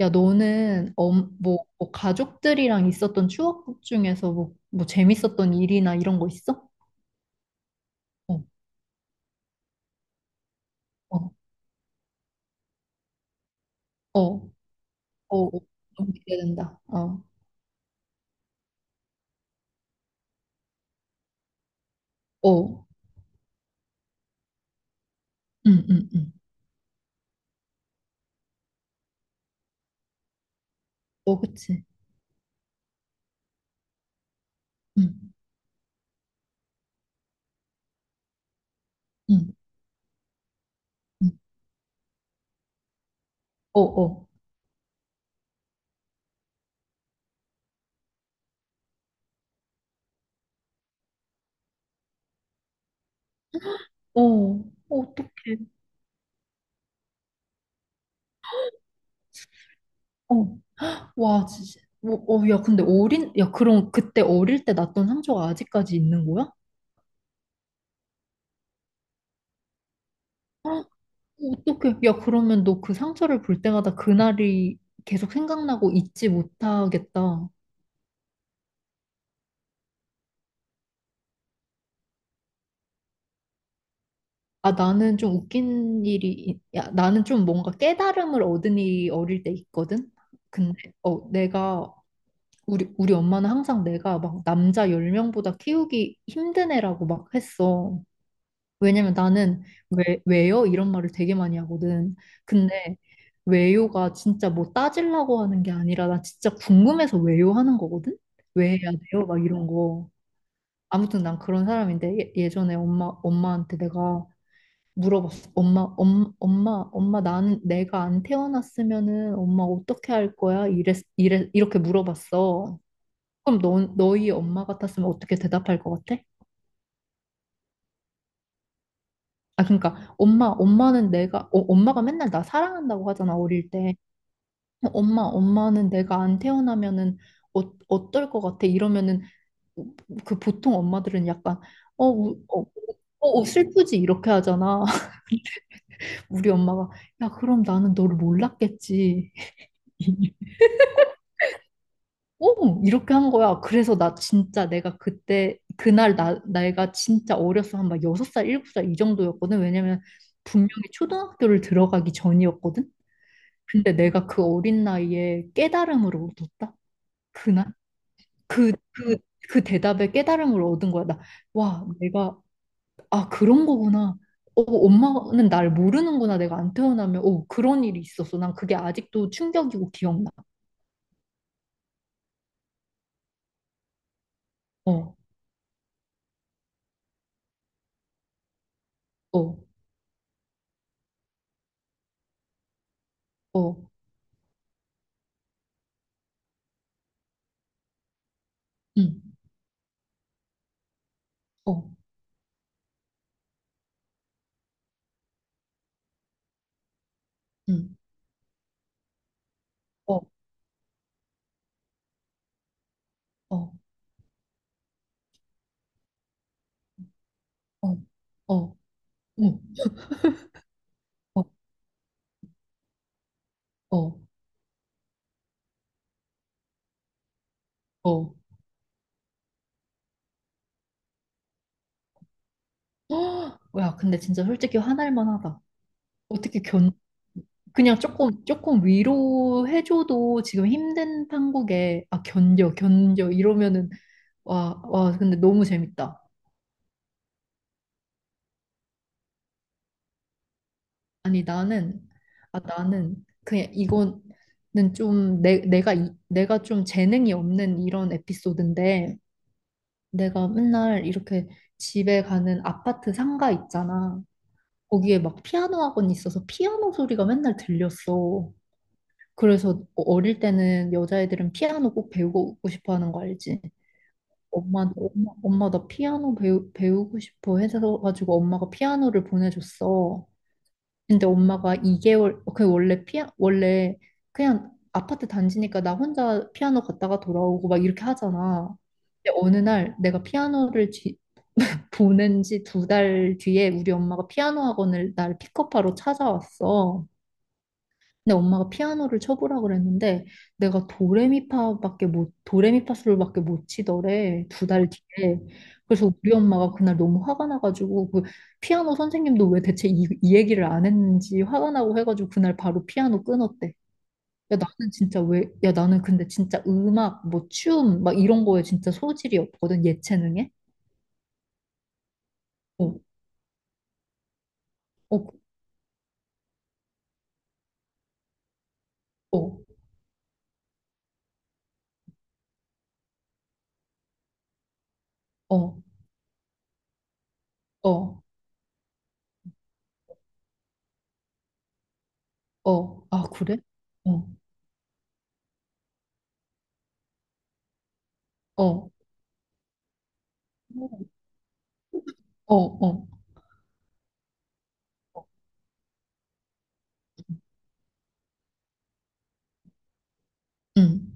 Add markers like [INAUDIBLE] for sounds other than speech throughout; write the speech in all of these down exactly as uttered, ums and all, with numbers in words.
야, 너는 엄 뭐, 뭐 가족들이랑 있었던 추억 중에서 뭐, 뭐 재밌었던 일이나 이런 거 있어? 어, 어, 어, 어, 어, 너무 기대된다. 어, 어, 응, 응, 응. 어, 그치. 응, 응, 응. 어, 어, 어, 어떡해. 어, 와, 진짜. 어, 어, 야, 근데 어린, 야, 그럼 그때 어릴 때 났던 상처가 아직까지 있는 거야? 헉, 어떡해. 야, 그러면 너 그 상처를 볼 때마다 그날이 계속 생각나고 잊지 못하겠다. 아, 나는 좀 웃긴 일이, 야, 나는 좀 뭔가 깨달음을 얻은 일이 어릴 때 있거든? 근데, 어, 내가, 우리, 우리 엄마는 항상 내가 막 남자 열 명보다 키우기 힘든 애라고 막 했어. 왜냐면 나는 왜, 왜요? 이런 말을 되게 많이 하거든. 근데 왜요가 진짜 뭐 따지려고 하는 게 아니라 나 진짜 궁금해서 왜요 하는 거거든? 왜 해야 돼요? 막 이런 거. 아무튼 난 그런 사람인데 예, 예전에 엄마, 엄마한테 내가 물어봤어. 엄마, 엄, 엄마, 엄마, 나는 내가 안 태어났으면은 엄마 어떻게 할 거야? 이래, 이래, 이렇게 물어봤어. 그럼 너, 너희 엄마 같았으면 어떻게 대답할 것 같아? 아, 그러니까 엄마, 엄마는 내가, 어, 엄마가 맨날 나 사랑한다고 하잖아, 어릴 때. 엄마, 엄마는 내가 안 태어나면은 어, 어떨 것 같아? 이러면은 그 보통 엄마들은 약간 어, 우- 어, 어, 어, 슬프지 이렇게 하잖아. [LAUGHS] 우리 엄마가 야, 그럼 나는 너를 몰랐겠지. [LAUGHS] 오! 이렇게 한 거야. 그래서 나 진짜 내가 그때, 그날 나, 나이가 진짜 어렸어. 한 막 여섯 살 일곱 살 이 정도였거든. 왜냐면 분명히 초등학교를 들어가기 전이었거든. 근데 내가 그 어린 나이에 깨달음을 얻었다. 그날? 그, 그, 그 대답에 깨달음을 얻은 거야. 나, 와, 내가, 아, 그런 거구나. 어, 엄마는 날 모르는구나. 내가 안 태어나면, 어, 그런 일이 있었어. 난 그게 아직도 충격이고 기억나. 어, 어, 어, 응, 어, 응. 어. 어, 어, 어, 응, 어, 어, 어. 야, 근데 진짜 솔직히 화날 만하다. 어떻게 견, 그냥 조금, 조금 위로해줘도 지금 힘든 판국에, 아, 견뎌, 견뎌, 이러면은, 와, 와, 근데 너무 재밌다. 아니, 나는, 아, 나는, 그냥 이거는 좀, 내, 내가, 이- 내가 좀 재능이 없는 이런 에피소드인데, 내가 맨날 이렇게 집에 가는 아파트 상가 있잖아. 거기에 막 피아노 학원이 있어서 피아노 소리가 맨날 들렸어. 그래서 어, 어릴 때는 여자애들은 피아노 꼭 배우고 싶어 하는 거 알지? 엄마한테 엄마, 엄마 나 피아노 배우, 배우고 싶어 해서 가지고 엄마가 피아노를 보내줬어. 근데 엄마가 이 개월 그 원래 피아 원래 그냥 아파트 단지니까 나 혼자 피아노 갔다가 돌아오고 막 이렇게 하잖아. 근데 어느 날 내가 피아노를 지, 보낸 지 두 달 뒤에 우리 엄마가 피아노 학원을 나를 픽업하러 찾아왔어. 근데 엄마가 피아노를 쳐보라 그랬는데 내가 도레미파밖에 못 도레미파솔밖에 못 치더래 두 달 뒤에. 그래서 우리 엄마가 그날 너무 화가 나가지고 그 피아노 선생님도 왜 대체 이, 이 얘기를 안 했는지 화가 나고 해가지고 그날 바로 피아노 끊었대. 야 나는 진짜 왜 야 나는 근데 진짜 음악 뭐 춤 막 이런 거에 진짜 소질이 없거든 예체능에. 어, 어, 어, 어. 어. 어, 아, 그래? 어, 어, 어, 어, 응,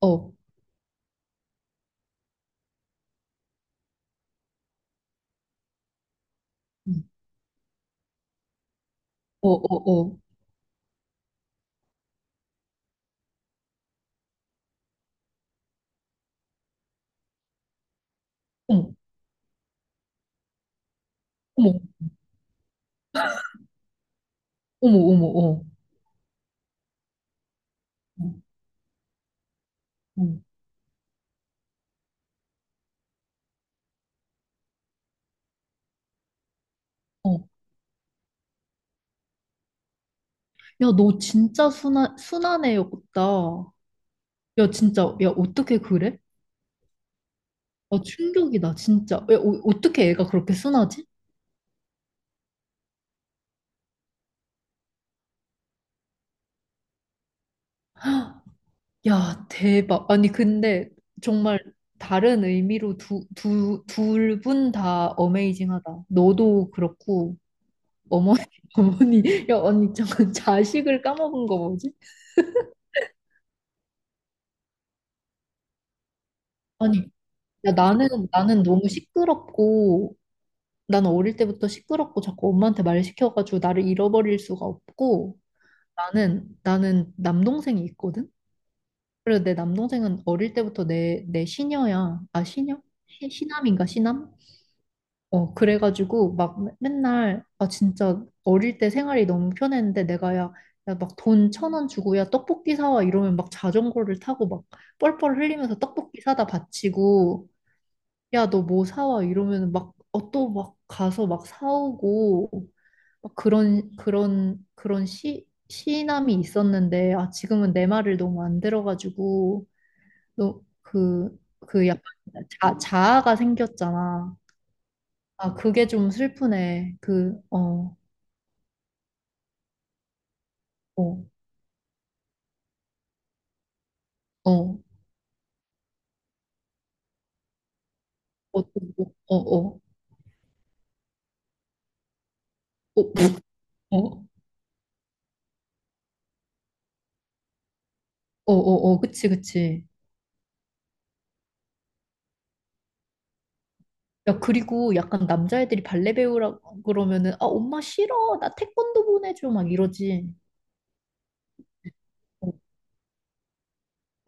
어, 응, 어, 어, 어, 어머, 어머, 어머, 어머, 어, 어, 어. 어. 야, 너 진짜 순한, 순한 애였다. 야, 진짜, 야, 어떻게 그래? 아, 충격이다, 진짜. 야, 어, 어떻게 애가 그렇게 순하지? 야, 대박. 아니, 근데 정말 다른 의미로 두, 두, 둘 분 다 어메이징하다. 너도 그렇고, 어머니, [LAUGHS] 어머니, 야, 언니, 잠깐 자식을 까먹은 거 뭐지? 아니, 야, 나는, 나는 너무 시끄럽고, 나는 어릴 때부터 시끄럽고 자꾸 엄마한테 말 시켜가지고 나를 잃어버릴 수가 없고, 나는, 나는 남동생이 있거든? 그래서 내 남동생은 어릴 때부터 내, 내 시녀야. 아, 시녀? 시- 시남인가, 시남? 어, 그래가지고 막 맨- 날 아 진짜 어릴 때 생활이 너무 편했는데 내가 야, 야 막 돈 천 원 주고 야 떡볶이 사와 이러면 막 자전거를 타고 막 뻘뻘 흘리면서 떡볶이 사다 바치고 야 너 뭐 사와 이러면 막 어 또 막 가서 막 사오고 막 그런 그런 그런 시 시인함이 있었는데 아 지금은 내 말을 너무 안 들어가지고 너그그 약간 자, 자아가 생겼잖아. 아, 그게 좀 슬프네. 그, 어, 어, 어, 어, 어, 어, 어, 어, 어, 어, 어, 어, 그치, 그치. 야, 그리고 약간 남자애들이 발레 배우라고 그러면은, 아, 엄마 싫어. 나 태권도 보내줘. 막 이러지. 어,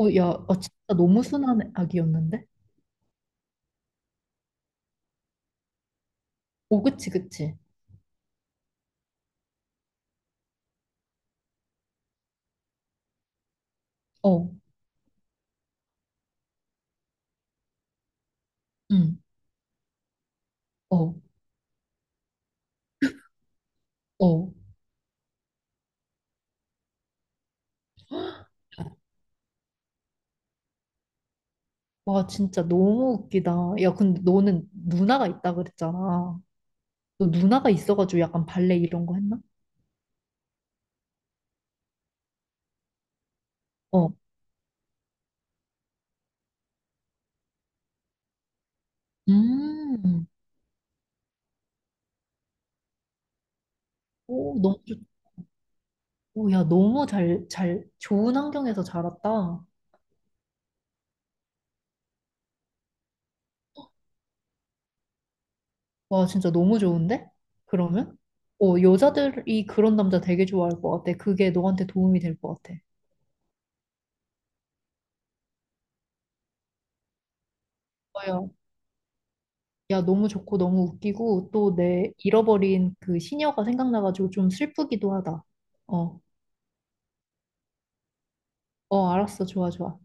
어, 야, 아, 진짜 너무 순한 아기였는데? 어, 그치, 그치. 어, 응, 어, 어. 와, 진짜 너무 웃기다. 야, 근데 너는 누나가 있다 그랬잖아. 너 누나가 있어가지고 약간 발레 이런 거 했나? 어. 음. 오, 너무 좋, 오, 야, 너무 잘, 잘, 좋은 환경에서 자랐다. 와, 진짜 너무 좋은데? 그러면? 어, 여자들이 그런 남자 되게 좋아할 것 같아. 그게 너한테 도움이 될 것 같아. 어, 야, 야, 너무 좋고 너무 웃기고 또 내 잃어버린 그 시녀가 생각나가지고 좀 슬프기도 하다. 어, 어, 알았어. 좋아, 좋아.